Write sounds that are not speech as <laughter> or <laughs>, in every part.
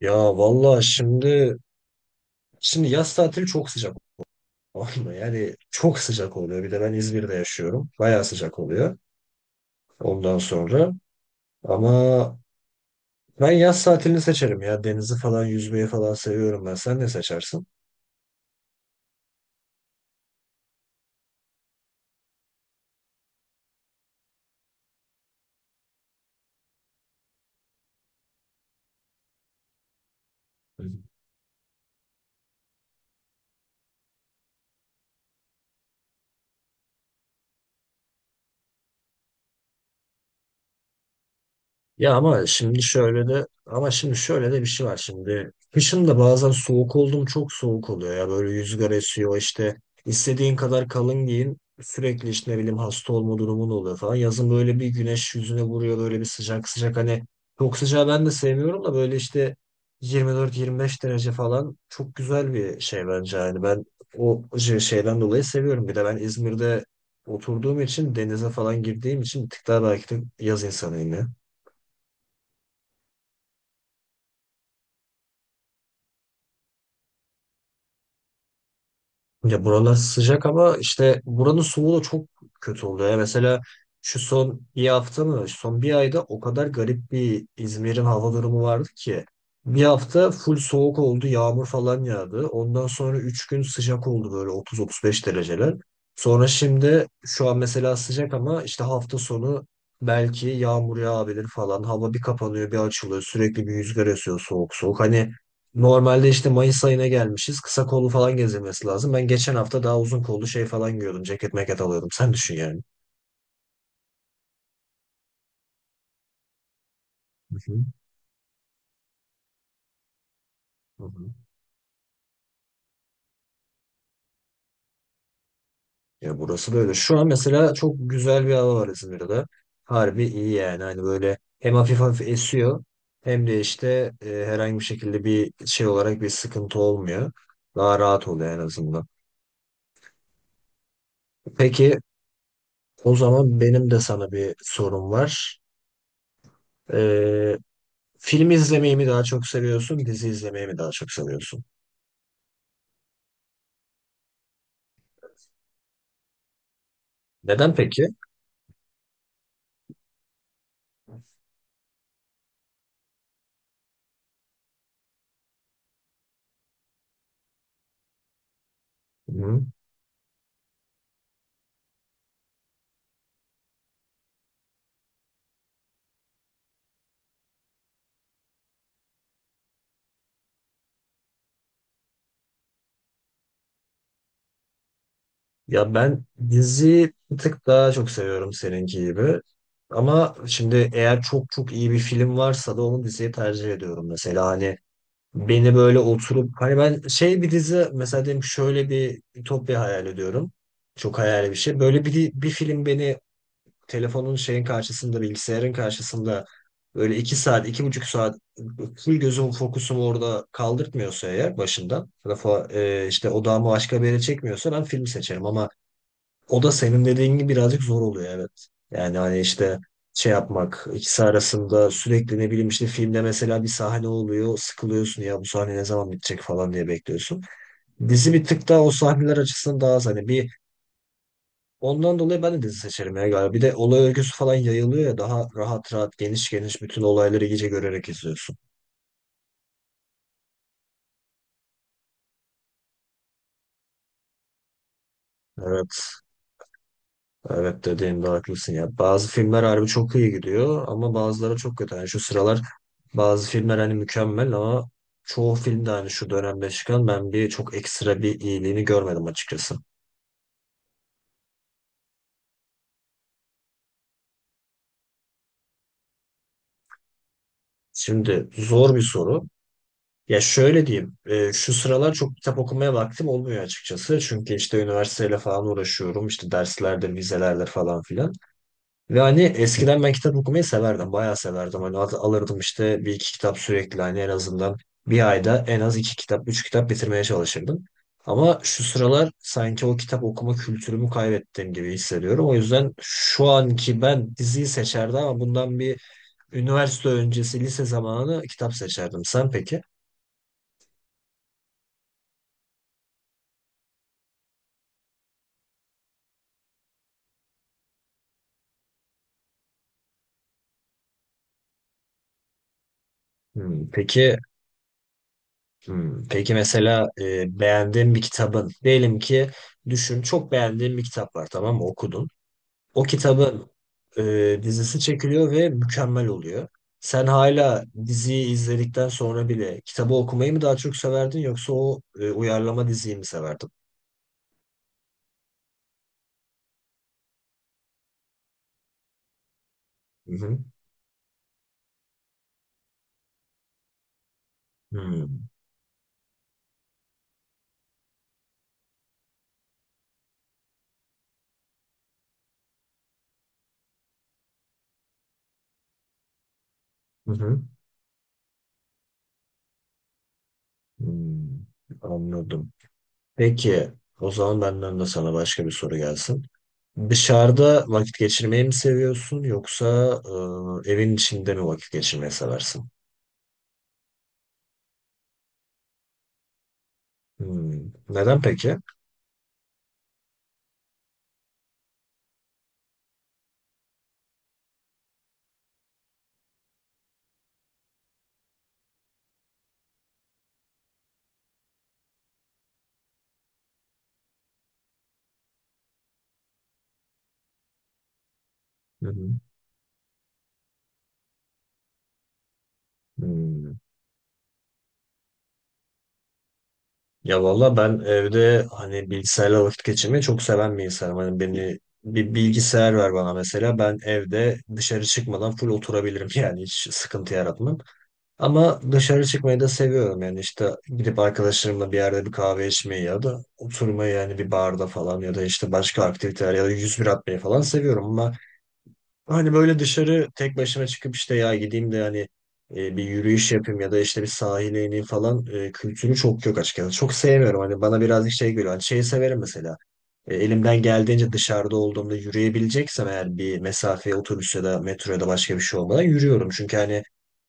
Ya valla şimdi, yaz tatili çok sıcak <laughs> olmuyor. Yani çok sıcak oluyor. Bir de ben İzmir'de yaşıyorum. Bayağı sıcak oluyor ondan sonra. Ama ben yaz tatilini seçerim ya. Denizi falan yüzmeyi falan seviyorum ben. Sen ne seçersin? Ya ama şimdi şöyle de, bir şey var şimdi. Kışın da bazen soğuk oldum, çok soğuk oluyor ya, böyle rüzgar esiyor işte, istediğin kadar kalın giyin sürekli işte, ne bileyim, hasta olma durumun oluyor falan. Yazın böyle bir güneş yüzüne vuruyor, böyle bir sıcak sıcak, hani çok sıcağı ben de sevmiyorum da böyle işte 24-25 derece falan çok güzel bir şey bence. Yani ben o şey, şeyden dolayı seviyorum. Bir de ben İzmir'de oturduğum için, denize falan girdiğim için bir tık daha belki de yaz insanıyım ya. Ya buralar sıcak ama işte buranın soğuğu da çok kötü oluyor. Ya mesela şu son bir hafta mı, son bir ayda o kadar garip bir İzmir'in hava durumu vardı ki. Bir hafta full soğuk oldu, yağmur falan yağdı. Ondan sonra 3 gün sıcak oldu, böyle 30-35 dereceler. Sonra şimdi şu an mesela sıcak ama işte hafta sonu belki yağmur yağabilir falan. Hava bir kapanıyor, bir açılıyor. Sürekli bir rüzgar esiyor soğuk soğuk. Hani normalde işte Mayıs ayına gelmişiz. Kısa kollu falan gezilmesi lazım. Ben geçen hafta daha uzun kollu şey falan giyiyordum. Ceket meket alıyordum. Sen düşün yani. Hı hı. Hı hı. Ya burası böyle. Şu an mesela çok güzel bir hava var İzmir'de. Harbi iyi yani. Hani böyle hem hafif hafif esiyor, hem de işte, herhangi bir şekilde bir şey olarak bir sıkıntı olmuyor. Daha rahat oluyor en azından. Peki, o zaman benim de sana bir sorum var. E, Film izlemeyi mi daha çok seviyorsun, dizi izlemeyi mi daha çok seviyorsun? Neden peki? Hı. Ya ben dizi bir tık daha çok seviyorum, seninki gibi. Ama şimdi eğer çok çok iyi bir film varsa da onu diziye tercih ediyorum mesela. Hani beni böyle oturup, hani ben şey, bir dizi mesela, diyelim ki şöyle bir ütopya hayal ediyorum. Çok hayali bir şey. Böyle bir, bir film beni telefonun şeyin karşısında, bilgisayarın karşısında böyle iki saat, iki buçuk saat full gözüm fokusumu orada kaldırtmıyorsa eğer başından, ya da işte odağımı başka bir yere çekmiyorsa, ben film seçerim. Ama o da senin dediğin gibi birazcık zor oluyor, evet. Yani hani işte şey yapmak ikisi arasında, sürekli ne bileyim, işte filmde mesela bir sahne oluyor, sıkılıyorsun ya, bu sahne ne zaman bitecek falan diye bekliyorsun. Dizi bir tık daha o sahneler açısından daha az, hani bir ondan dolayı ben de dizi seçerim ya galiba. Bir de olay örgüsü falan yayılıyor ya, daha rahat rahat, geniş geniş bütün olayları iyice görerek izliyorsun. Evet, evet, dediğinde haklısın ya. Bazı filmler harbi çok iyi gidiyor ama bazıları çok kötü. Yani şu sıralar bazı filmler hani mükemmel ama çoğu filmde, hani şu dönemde çıkan, ben bir çok ekstra bir iyiliğini görmedim açıkçası. Şimdi zor bir soru. Ya şöyle diyeyim, şu sıralar çok kitap okumaya vaktim olmuyor açıkçası. Çünkü işte üniversiteyle falan uğraşıyorum. İşte derslerdir, vizelerdir, falan filan. Ve hani eskiden ben kitap okumayı severdim, bayağı severdim. Hani alırdım işte bir iki kitap sürekli, hani en azından bir ayda en az iki kitap, üç kitap bitirmeye çalışırdım. Ama şu sıralar sanki o kitap okuma kültürümü kaybettiğim gibi hissediyorum. O yüzden şu anki ben diziyi seçerdim ama bundan bir üniversite öncesi, lise zamanı kitap seçerdim. Sen peki? Hmm. Peki. Hmm. Peki mesela, beğendiğin bir kitabın, diyelim ki düşün çok beğendiğin bir kitap var, tamam mı, okudun. O kitabın dizisi çekiliyor ve mükemmel oluyor. Sen hala diziyi izledikten sonra bile kitabı okumayı mı daha çok severdin, yoksa o uyarlama diziyi mi severdin? Hı hı. Hmm. Hı hı. Hmm, anladım. Peki, o zaman benden de sana başka bir soru gelsin. Dışarıda vakit geçirmeyi mi seviyorsun, yoksa evin içinde mi vakit geçirmeyi seversin? Hmm. Neden peki? Hı hı. Hmm. Ya valla ben evde, hani bilgisayarla vakit geçirmeyi çok seven bir insanım. Hani beni bir bilgisayar ver bana mesela, ben evde dışarı çıkmadan full oturabilirim <laughs> yani, hiç sıkıntı yaratmam. Ama dışarı çıkmayı da seviyorum yani, işte gidip arkadaşlarımla bir yerde bir kahve içmeyi, ya da oturmayı yani bir barda falan, ya da işte başka aktiviteler, ya da 101 atmayı falan seviyorum ama. Hani böyle dışarı tek başıma çıkıp işte, ya gideyim de hani bir yürüyüş yapayım, ya da işte bir sahile ineyim falan, kültürü çok yok açıkçası. Çok sevmiyorum, hani bana birazcık şey geliyor. Hani şeyi severim mesela. Elimden geldiğince dışarıda olduğumda, yürüyebileceksem eğer bir mesafeye, otobüs ya da metro ya da başka bir şey olmadan yürüyorum. Çünkü hani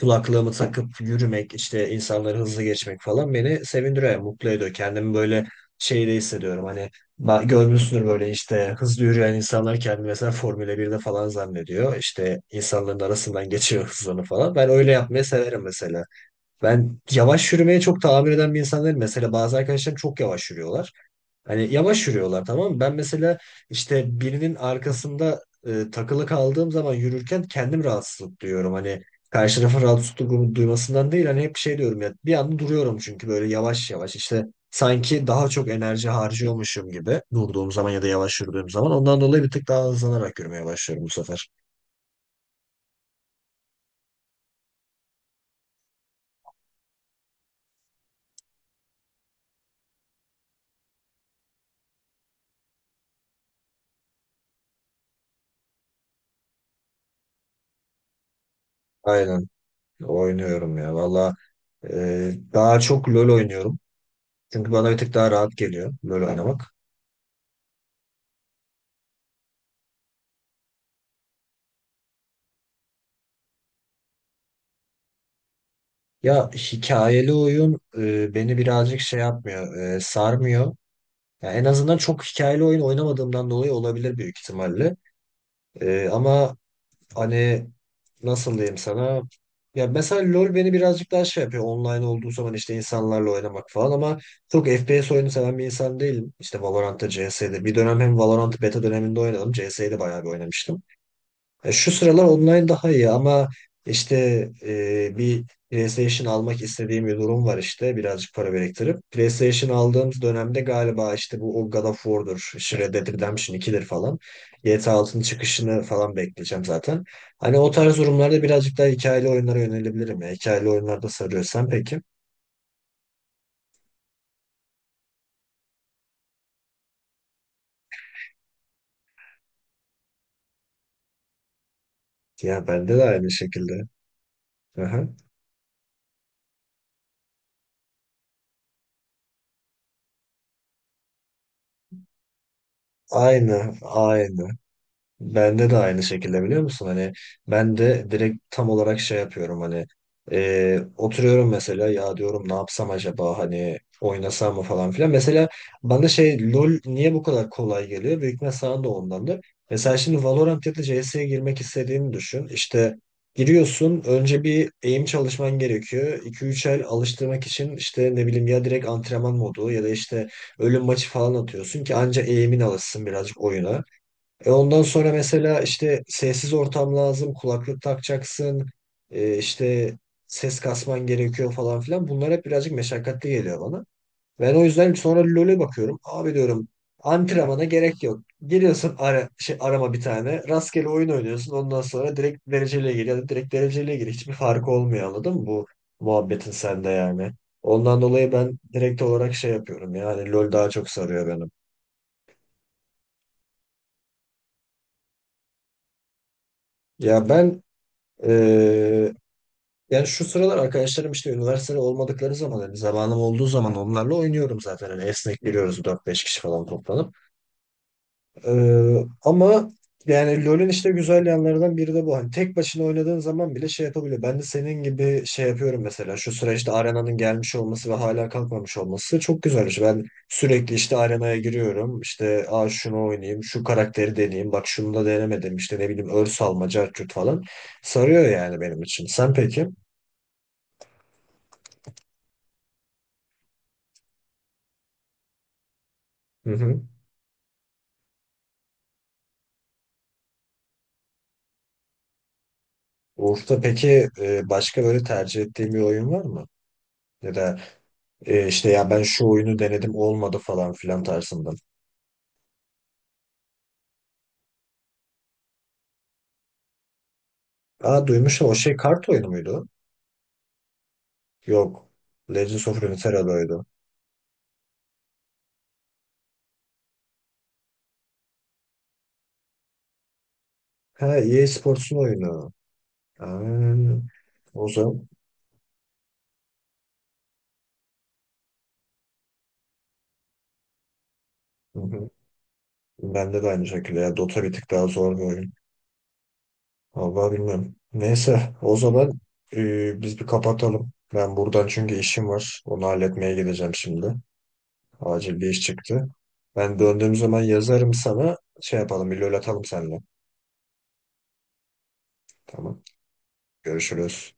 kulaklığımı takıp yürümek, işte insanları hızlı geçmek falan beni sevindiriyor, mutlu ediyor. Kendimi böyle şeyde hissediyorum hani, görmüşsündür böyle, işte hızlı yürüyen insanlar kendini mesela Formula birde falan zannediyor. İşte insanların arasından geçiyor hızlarını falan. Ben öyle yapmayı severim mesela. Ben yavaş yürümeye çok tahammül eden bir insan değilim. Mesela bazı arkadaşlarım çok yavaş yürüyorlar. Hani yavaş yürüyorlar, tamam mı? Ben mesela işte birinin arkasında takılı kaldığım zaman yürürken kendim rahatsızlık duyuyorum. Hani karşı tarafın rahatsızlık duymasından değil, hani hep şey diyorum ya, bir anda duruyorum. Çünkü böyle yavaş yavaş işte, sanki daha çok enerji harcıyormuşum gibi durduğum zaman ya da yavaş yürüdüğüm zaman, ondan dolayı bir tık daha hızlanarak yürümeye başlıyorum bu sefer. Aynen, oynuyorum ya valla, daha çok LoL oynuyorum. Çünkü bana bir tık daha rahat geliyor LoL oynamak. Ya hikayeli oyun beni birazcık şey yapmıyor, sarmıyor. Ya en azından çok hikayeli oyun oynamadığımdan dolayı olabilir büyük ihtimalle. Ama hani, nasıl diyeyim sana? Ya mesela LoL beni birazcık daha şey yapıyor. Online olduğu zaman işte insanlarla oynamak falan, ama çok FPS oyunu seven bir insan değilim. İşte Valorant'ta, CS'de. Bir dönem hem Valorant'ı beta döneminde oynadım. CS'de bayağı bir oynamıştım. Şu sıralar online daha iyi ama işte, bir PlayStation almak istediğim bir durum var, işte birazcık para biriktirip. PlayStation aldığım dönemde galiba işte bu o God of War'dur, işte Red Dead Redemption 2'dir falan. GTA 6'nın çıkışını falan bekleyeceğim zaten. Hani o tarz durumlarda birazcık daha hikayeli oyunlara yönelebilirim. Ya, hikayeli oyunlarda sarıyorsan peki. Ya bende de aynı şekilde. Aha. Aynı, aynı. Bende de aynı şekilde biliyor musun? Hani ben de direkt tam olarak şey yapıyorum hani, oturuyorum mesela, ya diyorum ne yapsam acaba, hani oynasam mı falan filan. Mesela bana şey, LoL niye bu kadar kolay geliyor? Büyük ihtimal sana da ondandır. Mesela şimdi Valorant ya da CS'ye girmek istediğini düşün. İşte giriyorsun, önce bir eğim çalışman gerekiyor. İki üç el alıştırmak için işte, ne bileyim, ya direkt antrenman modu ya da işte ölüm maçı falan atıyorsun ki anca eğimin alışsın birazcık oyuna. E, ondan sonra mesela işte sessiz ortam lazım, kulaklık takacaksın, işte ses kasman gerekiyor falan filan. Bunlar hep birazcık meşakkatli geliyor bana. Ben o yüzden sonra LoL'e bakıyorum. Abi, diyorum, antrenmana gerek yok. Geliyorsun ara, şey, arama bir tane. Rastgele oyun oynuyorsun. Ondan sonra direkt dereceliğe gir, ya da direkt dereceliğe gir. Hiçbir farkı olmuyor, anladın mı bu muhabbetin sende yani. Ondan dolayı ben direkt olarak şey yapıyorum yani, LoL daha çok sarıyor benim. Ya ben eee, yani şu sıralar arkadaşlarım işte üniversitede olmadıkları zaman, hani zamanım olduğu zaman onlarla oynuyorum zaten. Hani esnek giriyoruz 4-5 kişi falan toplanıp. Ee, Ama yani LoL'ün işte güzel yanlarından biri de bu. Hani tek başına oynadığın zaman bile şey yapabiliyor. Ben de senin gibi şey yapıyorum mesela. Şu sıra işte Arena'nın gelmiş olması ve hala kalkmamış olması çok güzel güzelmiş. Ben sürekli işte Arena'ya giriyorum. İşte, aa, şunu oynayayım, şu karakteri deneyeyim. Bak şunu da denemedim. İşte ne bileyim, örs alma, cartçut falan. Sarıyor yani benim için. Sen peki? Hı hı. Uğur'da peki, başka böyle tercih ettiğin bir oyun var mı? Ya da işte, ya ben şu oyunu denedim olmadı falan filan tarzından. Aa, duymuşum. O şey kart oyunu muydu? Yok. Legends of Runeterra'daydı. Ha, EA Sports'un oyunu. Aa, o zaman hı hı. Bende de aynı şekilde ya, Dota bir tık daha zor bir oyun. Vallahi bilmiyorum. Neyse, o zaman biz bir kapatalım. Ben buradan, çünkü işim var. Onu halletmeye gideceğim şimdi. Acil bir iş çıktı. Ben döndüğüm zaman yazarım sana. Şey yapalım, bir lol atalım seninle. Tamam. Görüşürüz.